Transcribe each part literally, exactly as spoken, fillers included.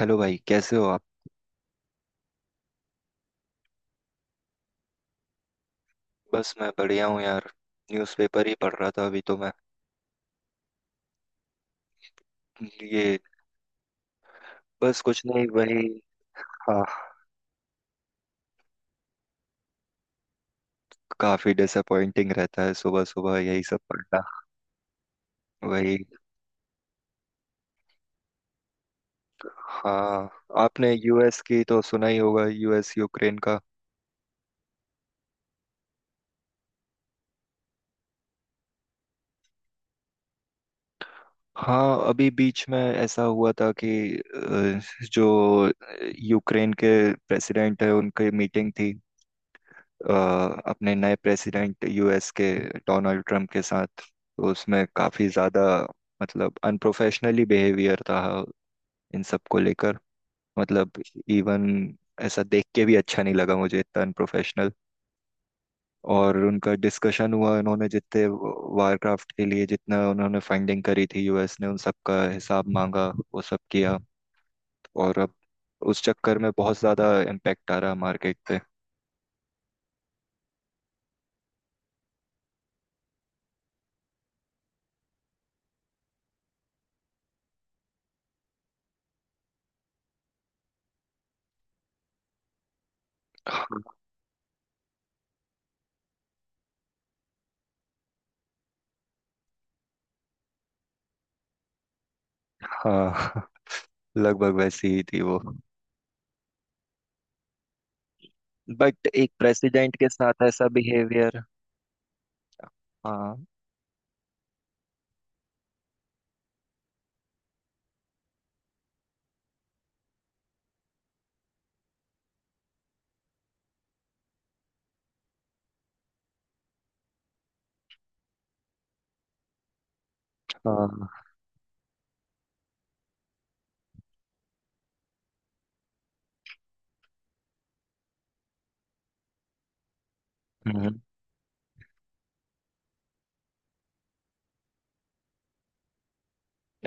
Hello भाई, कैसे हो आप। बस मैं बढ़िया हूँ यार। न्यूज़पेपर ही पढ़ रहा था अभी तो मैं। ये, बस कुछ नहीं, वही। हाँ। काफी डिसअपॉइंटिंग रहता है सुबह सुबह यही सब पढ़ना। वही। हाँ। आपने यूएस की तो सुना ही होगा, यूएस यूक्रेन का। हाँ, अभी बीच में ऐसा हुआ था कि अ, जो यूक्रेन के प्रेसिडेंट है उनकी मीटिंग थी, अ, अपने नए प्रेसिडेंट यूएस के डोनाल्ड ट्रम्प के साथ। तो उसमें काफ़ी ज़्यादा, मतलब अनप्रोफेशनली बिहेवियर था इन सब को लेकर। मतलब इवन ऐसा देख के भी अच्छा नहीं लगा मुझे, इतना अनप्रोफेशनल। और उनका डिस्कशन हुआ, उन्होंने जितने वारक्राफ्ट के लिए जितना उन्होंने फंडिंग करी थी यूएस ने, उन सब का हिसाब मांगा, वो सब किया। और अब उस चक्कर में बहुत ज़्यादा इम्पेक्ट आ रहा मार्केट पे। हाँ। लगभग वैसी ही थी वो। बट एक प्रेसिडेंट के साथ ऐसा बिहेवियर। हाँ। हाँ। हम्म।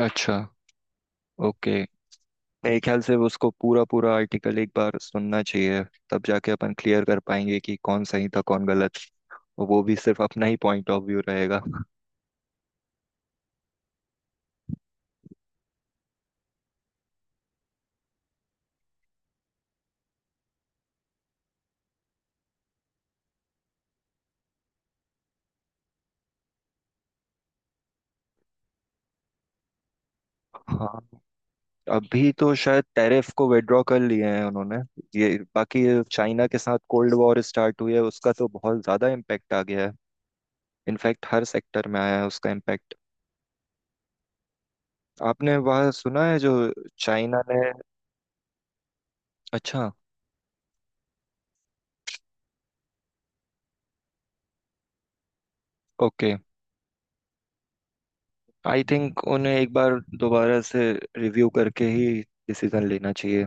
अच्छा। ओके। मेरे ख्याल से वो उसको पूरा पूरा आर्टिकल एक बार सुनना चाहिए। तब जाके अपन क्लियर कर पाएंगे कि कौन सही था कौन गलत। और वो भी सिर्फ अपना ही पॉइंट ऑफ व्यू रहेगा। हाँ, अभी तो शायद टैरिफ को विड्रॉ कर लिए हैं उन्होंने। ये, बाकी चाइना के साथ कोल्ड वॉर स्टार्ट हुई है, उसका तो बहुत ज्यादा इम्पैक्ट आ गया है। इनफैक्ट हर सेक्टर में आया है उसका इम्पैक्ट। आपने वह सुना है जो चाइना ने। अच्छा। ओके। आई थिंक उन्हें एक बार दोबारा से रिव्यू करके ही डिसीजन लेना चाहिए,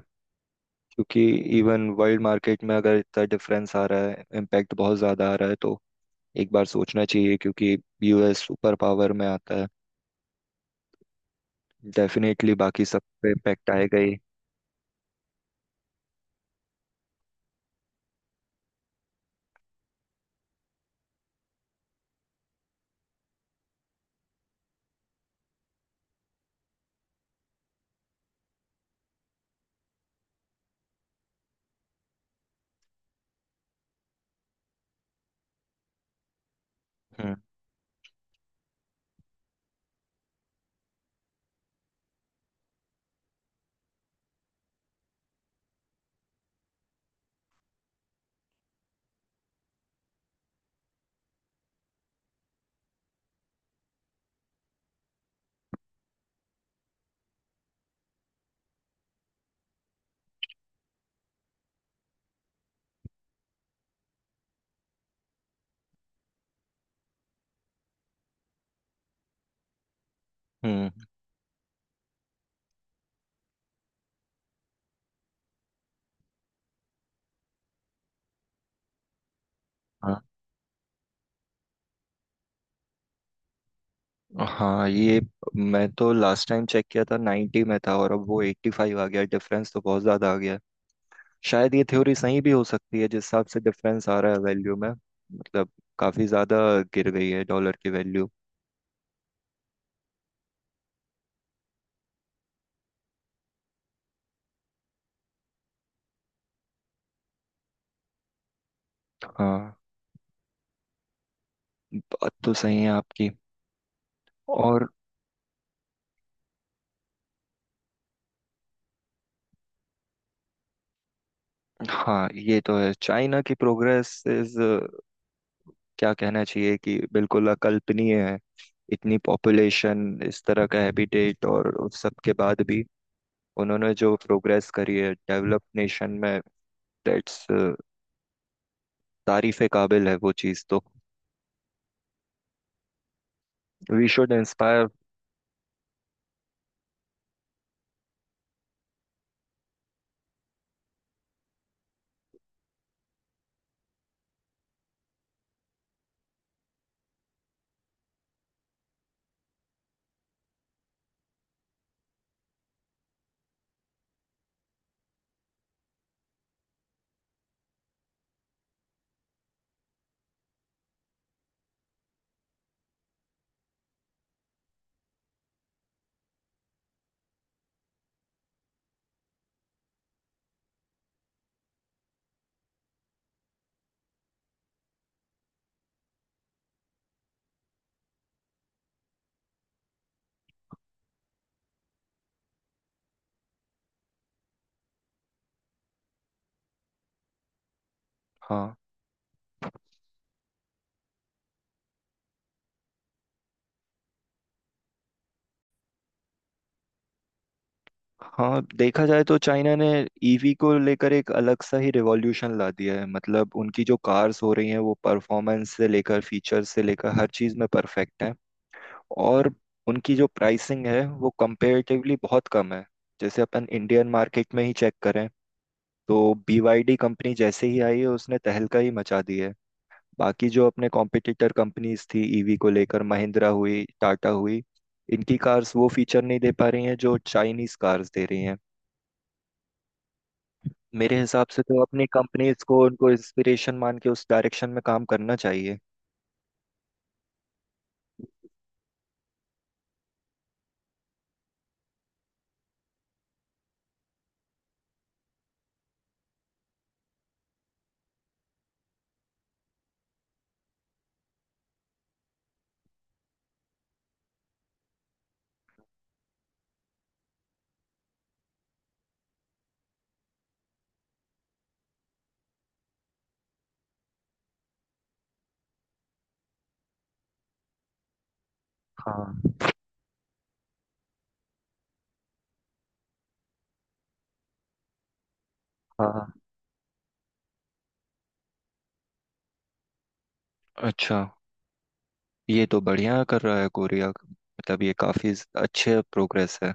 क्योंकि इवन वर्ल्ड मार्केट में अगर इतना डिफरेंस आ रहा है, इम्पैक्ट बहुत ज़्यादा आ रहा है, तो एक बार सोचना चाहिए, क्योंकि यूएस सुपर पावर में आता है, डेफिनेटली बाकी सब पे इम्पैक्ट आएगा ही। हम्म। हम्म। हाँ। हाँ, ये, मैं तो लास्ट टाइम चेक किया था नाइंटी में था, और अब वो एटी फ़ाइव आ गया, डिफरेंस तो बहुत ज़्यादा आ गया है। शायद ये थ्योरी सही भी हो सकती है, जिस हिसाब से डिफरेंस आ रहा है वैल्यू में, मतलब काफी ज्यादा गिर गई है डॉलर की वैल्यू। हाँ, बात तो सही है आपकी। और, हाँ ये तो है, चाइना की प्रोग्रेस इज, क्या कहना चाहिए, कि बिल्कुल अकल्पनीय है। इतनी पॉपुलेशन, इस तरह का हैबिटेट, और उस सब के बाद भी उन्होंने जो प्रोग्रेस करी है डेवलप्ड नेशन में, दैट्स, तारीफ के काबिल है वो चीज़ तो। We should inspire. हाँ, देखा जाए तो चाइना ने ईवी को लेकर एक अलग सा ही रिवॉल्यूशन ला दिया है, मतलब उनकी जो कार्स हो रही हैं वो परफॉर्मेंस से लेकर फीचर से लेकर हर चीज़ में परफेक्ट हैं। और उनकी जो प्राइसिंग है वो कंपेरेटिवली बहुत कम है। जैसे अपन इंडियन मार्केट में ही चेक करें, तो B Y D कंपनी जैसे ही आई है उसने तहलका ही मचा दी है। बाकी जो अपने कॉम्पिटिटर कंपनीज थी ईवी को लेकर, महिंद्रा हुई, टाटा हुई, इनकी कार्स वो फीचर नहीं दे पा रही हैं जो चाइनीज कार्स दे रही हैं। मेरे हिसाब से तो अपनी कंपनीज को उनको इंस्पिरेशन मान के उस डायरेक्शन में काम करना चाहिए। हाँ। हाँ। अच्छा, ये तो बढ़िया कर रहा है कोरिया, मतलब ये काफी अच्छे प्रोग्रेस है।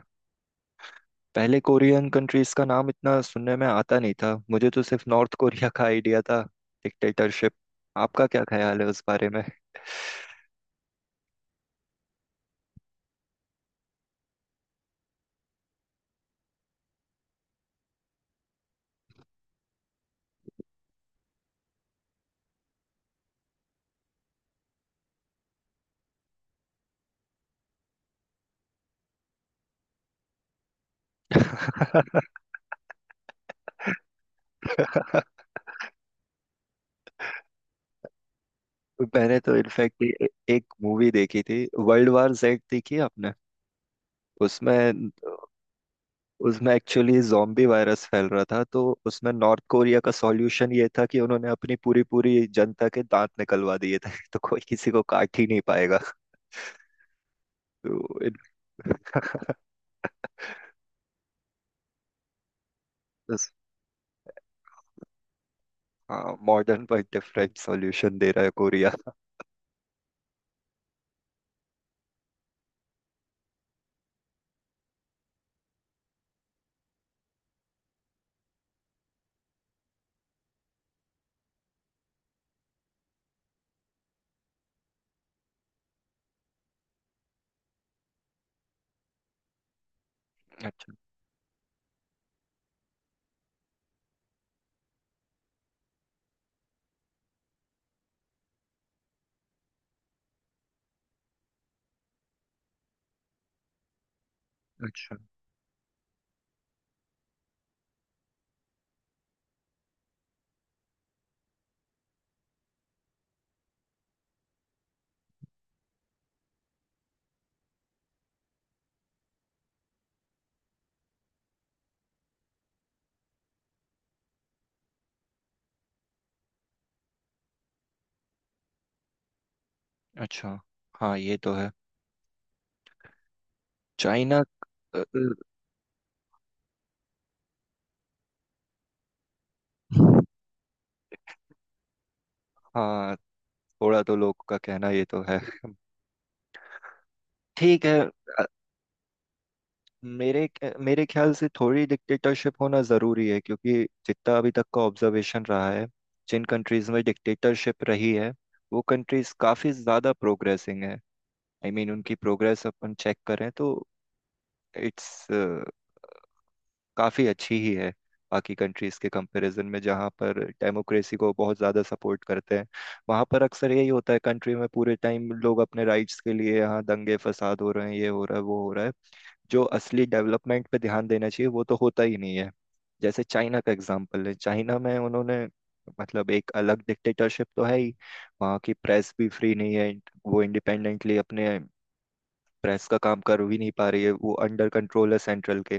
पहले कोरियन कंट्रीज का नाम इतना सुनने में आता नहीं था, मुझे तो सिर्फ नॉर्थ कोरिया का आइडिया था, डिक्टेटरशिप। आपका क्या ख्याल है उस बारे में। मैंने तो इनफैक्ट एक मूवी देखी थी, वर्ल्ड वार जेड, देखी है आपने। उसमें, उसमें एक्चुअली zombie वायरस फैल रहा था, तो उसमें नॉर्थ कोरिया का सॉल्यूशन ये था कि उन्होंने अपनी पूरी पूरी जनता के दांत निकलवा दिए थे, तो कोई किसी को काट ही नहीं पाएगा। तो इन-। बस, हाँ मॉडर्न पर डिफरेंट सॉल्यूशन दे रहा है कोरिया। अच्छा। अच्छा। अच्छा। हाँ ये तो है, चाइना। अ, हाँ, थोड़ा तो लोग का कहना ये तो है। ठीक है। मेरे मेरे ख्याल से थोड़ी डिक्टेटरशिप होना ज़रूरी है, क्योंकि जितना अभी तक का ऑब्जर्वेशन रहा है, जिन कंट्रीज़ में डिक्टेटरशिप रही है वो कंट्रीज़ काफ़ी ज़्यादा प्रोग्रेसिंग है। आई I मीन mean, उनकी प्रोग्रेस अपन चेक करें तो इट्स काफ़ी अच्छी ही है, बाकी कंट्रीज़ के कंपैरिजन में जहाँ पर डेमोक्रेसी को बहुत ज़्यादा सपोर्ट करते हैं। वहाँ पर अक्सर यही होता है, कंट्री में पूरे टाइम लोग अपने राइट्स के लिए यहाँ दंगे फसाद हो रहे हैं, ये हो रहा है, वो हो रहा है। जो असली डेवलपमेंट पे ध्यान देना चाहिए वो तो होता ही नहीं है। जैसे चाइना का एग्जाम्पल है, चाइना में उन्होंने, मतलब एक अलग डिक्टेटरशिप तो है ही, वहाँ की प्रेस भी फ्री नहीं है। वो इंडिपेंडेंटली अपने प्रेस का काम कर भी नहीं पा रही है, वो अंडर कंट्रोल है सेंट्रल के।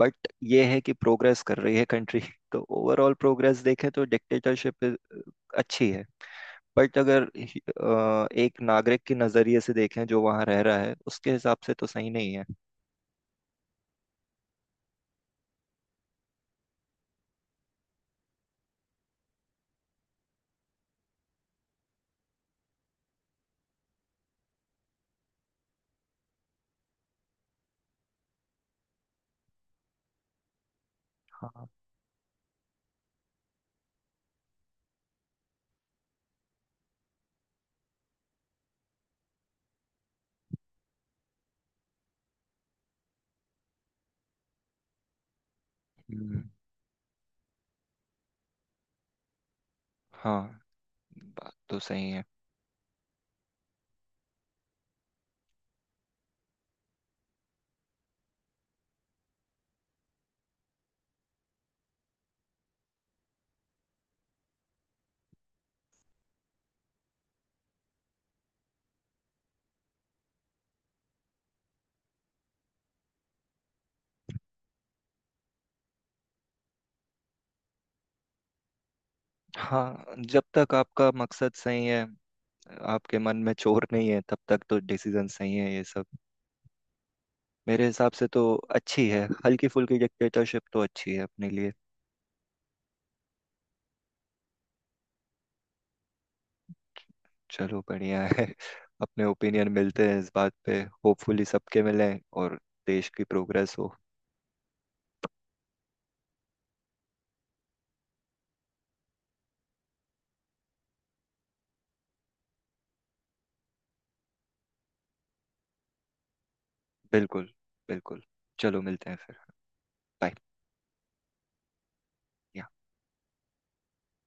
बट ये है कि प्रोग्रेस कर रही है कंट्री, तो ओवरऑल प्रोग्रेस देखें तो डिक्टेटरशिप अच्छी है। बट अगर अ, एक नागरिक के नजरिए से देखें जो वहां रह रहा है, उसके हिसाब से तो सही नहीं है। हाँ। हम्म। हाँ, बात तो सही है। हाँ, जब तक आपका मकसद सही है, आपके मन में चोर नहीं है, तब तक तो डिसीजन सही है ये सब। मेरे हिसाब से तो अच्छी है, हल्की फुल्की डिक्टेटरशिप तो अच्छी है अपने लिए। चलो बढ़िया है, अपने ओपिनियन मिलते हैं इस बात पे। होपफुली सबके मिलें और देश की प्रोग्रेस हो। बिल्कुल। बिल्कुल। चलो, मिलते हैं फिर। बाय।